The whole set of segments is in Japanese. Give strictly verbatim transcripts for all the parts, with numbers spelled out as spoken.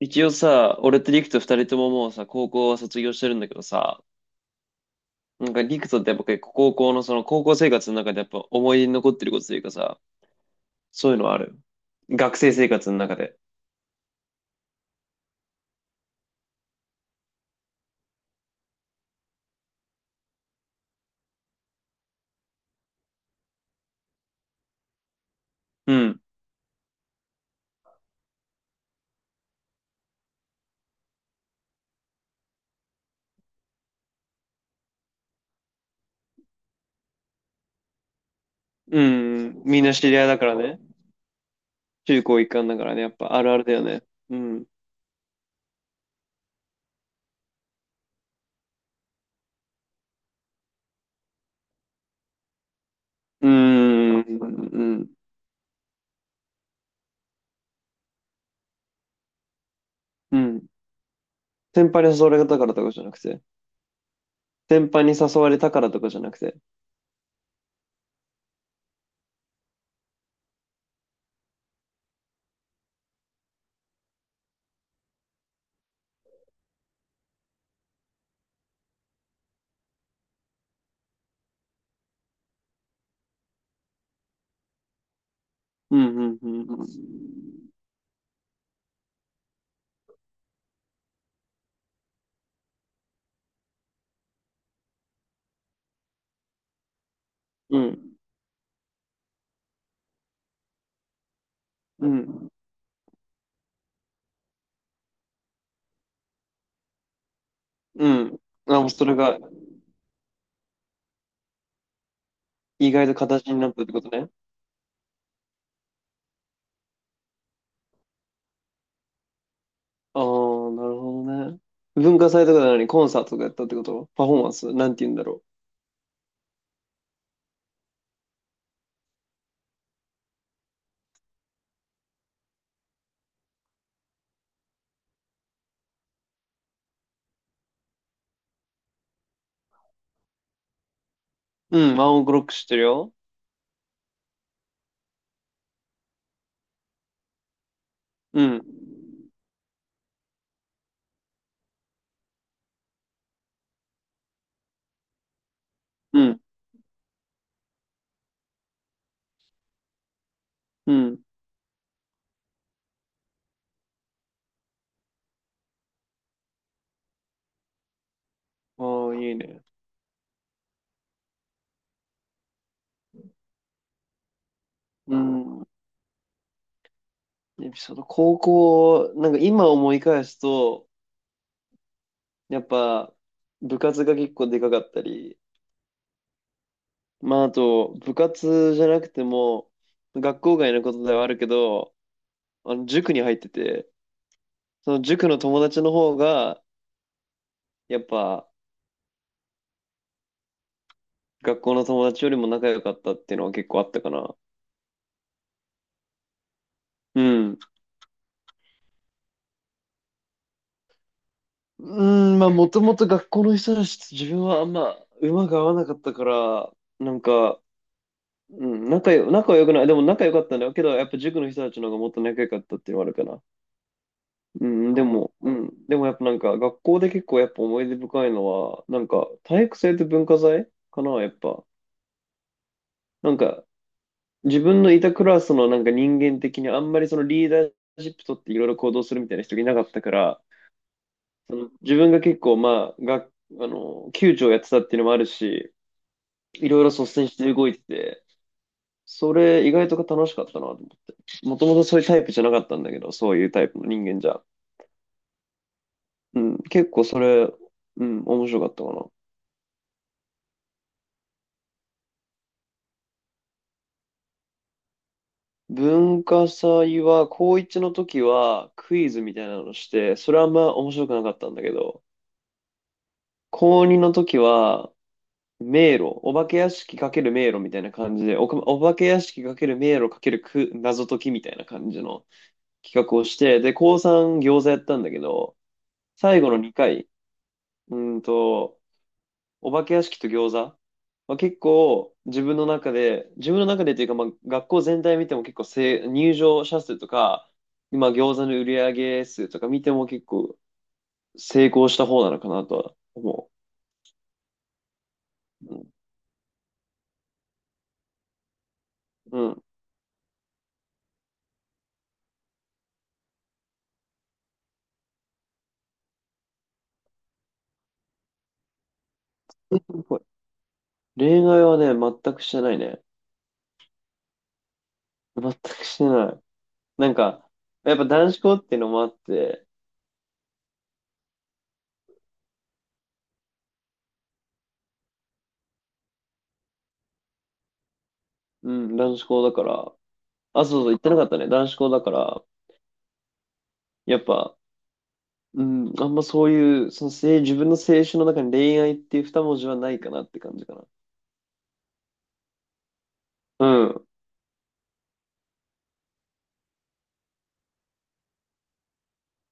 一応さ、俺とリクと二人とももうさ、高校は卒業してるんだけどさ、なんかリクとってやっぱ結構高校のその高校生活の中でやっぱ思い出に残ってることというかさ、そういうのはある？学生生活の中で。うん。うん、みんな知り合いだからね。中高一貫だからね。やっぱあるあるだよね。うん。うーん。うん。うん。先輩に誘われたからとかじゃなくて。先輩に誘われたからとかじゃなくて。うん。うん。うんうん。うん。うん。うん。あ、もうそれが意外と形になったってことね。ああ、なるほどね。文化祭とかなのにコンサートとかやったってこと？パフォーマンスなんて言うんだろう。うん、ワンオクロック知ってるよ。うん、うん、うん。ああ、いいね。うん。エピソード、高校、なんか今思い返すと、やっぱ部活が結構でかかったり、まああと部活じゃなくても、学校外のことではあるけど、あの塾に入ってて、その塾の友達の方が、やっぱ、学校の友達よりも仲良かったっていうのは結構あったかな。うん。うん、まあ、もともと学校の人たちと自分はあんま馬が合わなかったから、なんか、うん、仲よ、仲は良くない。でも仲良かったんだけど、やっぱ塾の人たちの方がもっと仲良かったっていうのはあるかな。うん、でも、うん。でもやっぱなんか、学校で結構やっぱ思い出深いのは、なんか、体育祭と文化祭かな、やっぱ。なんか、自分のいたクラスのなんか人間的にあんまりそのリーダーシップ取っていろいろ行動するみたいな人がいなかったから、その自分が結構、まあ、が、あの、球長やってたっていうのもあるし、いろいろ率先して動いてて、それ意外と楽しかったなと思って。もともとそういうタイプじゃなかったんだけど、そういうタイプの人間じゃ。うん、結構それ、うん、面白かったかな。文化祭は、高こういちの時はクイズみたいなのして、それはあんま面白くなかったんだけど、高こうにの時は、迷路、お化け屋敷かける迷路みたいな感じで、おか、お化け屋敷かける迷路かけるく謎解きみたいな感じの、企画をして、で、高こうさん餃子やったんだけど、最後のにかい、うーんと、お化け屋敷と餃子は結構自分の中で、自分の中でというか、まあ、学校全体見ても結構せ、入場者数とか、今餃子の売り上げ数とか見ても結構成功した方なのかなとは思う。うん。うん、恋愛はね、全くしてないね。全くしてない。なんか、やっぱ男子校っていうのもあって、うん、男子校だから、あ、そうそう、言ってなかったね。男子校だから、やっぱ、うん、あんまそういう、そのせい、自分の青春の中に恋愛っていう二文字はないかなって感じかな。うん、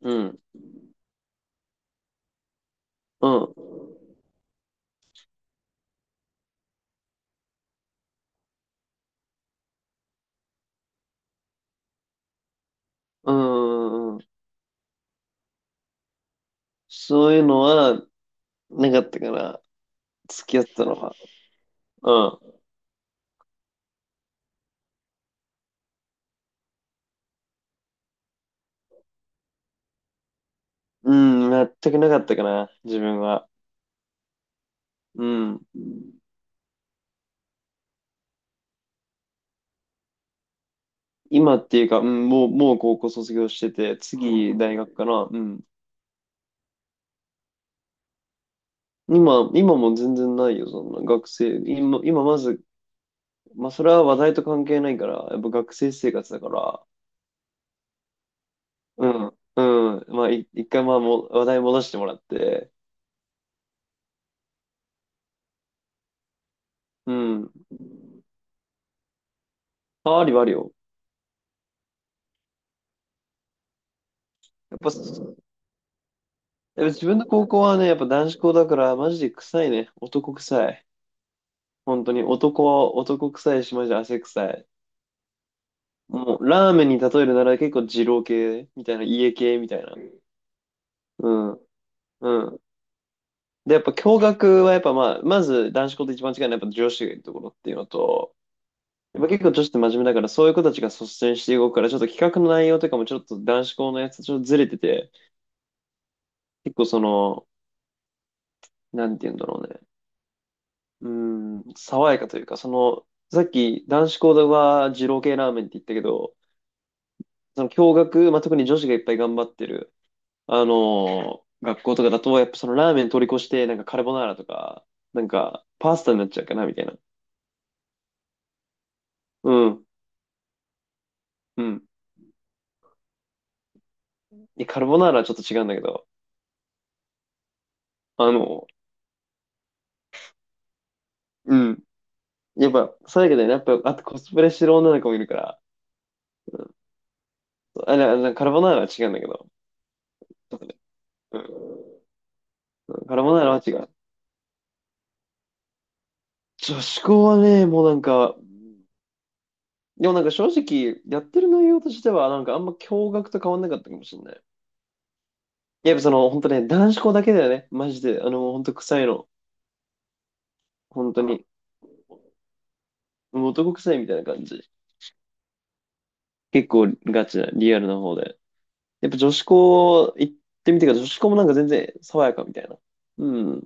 うん、うん、うん、うん。そういうのはなかったかな。付き合ってたのは。うん、うん、全くなかったかな、自分は。うん。今っていうか、うん、もう、もう高校卒業してて、次大学かな。うん。今、今も全然ないよ、そんな学生。今、今まず、まあ、それは話題と関係ないから、やっぱ学生生活だから、うん、うん。まあ、い一回、まあ、も、話題戻してもらって、うん。あ、ありはあるよ。やっぱ、やっぱ自分の高校はね、やっぱ男子校だから、マジで臭いね。男臭い。本当に、男は男臭いし、マジで汗臭い。もう、ラーメンに例えるなら結構二郎系みたいな、家系みたいな。うん、うん。で、やっぱ共学はやっぱまあ、まず男子校と一番違うのはやっぱ女子がいるところっていうのと、やっぱ結構女子って真面目だから、そういう子たちが率先して動くから、ちょっと企画の内容とかもちょっと男子校のやつとちょっとずれてて、結構その、なんて言うんだろうね。うーん、爽やかというか、その、さっき男子校では二郎系ラーメンって言ったけど、その共学、まあ、特に女子がいっぱい頑張ってる、あのー学校とかだと、やっぱそのラーメン通り越して、なんかカルボナーラとか、なんかパスタになっちゃうかな、みたいな。うん、うん。いやカルボナーラはちょっと違うんだけど、あの、うん。やっぱ、そうだけどね、やっぱ、あとコスプレしてる女の子もいるから、うん、あれ、あれカルボナーラは違うんだけど、ちょっとねうん、カルボナーラは違う。女子校はね、もうなんか、でもなんか正直、やってる内容としては、なんかあんま驚愕と変わんなかったかもしれない。やっぱその、本当ね、男子校だけだよね、マジで。あの、本当臭いの。本当に。もう男臭いみたいな感じ。結構ガチな、リアルな方で。やっぱ女子校行ってみてから、女子校もなんか全然爽やかみたいな。うん。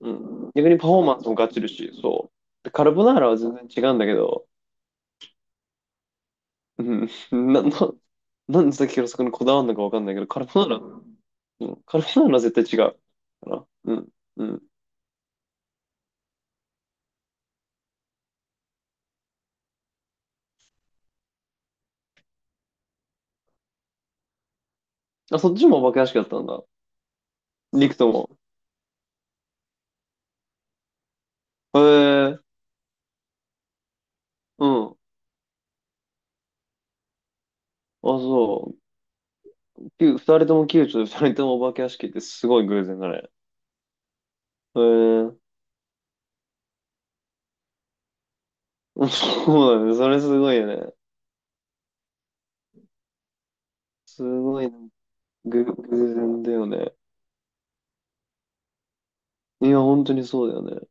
うん。逆にパフォーマンスもガチるし、そう。でカルボナーラは全然違うんだけど、うん。な、な、なんでさっきからそこにこだわるのかわかんないけど、カルボナーラ、うん。カルボナーラは絶対違う。かな。うん。うん。あ、そっちもお化け屋敷だったんだ。リクとも。へえ、うん。あ、そう。きゅう二人とも宮中で二人ともお化け屋敷ってすごい偶然だね。へえ、そうだね。それすごいよね。すごいね、ぐ、偶然だよね。いや、本当にそうだよね。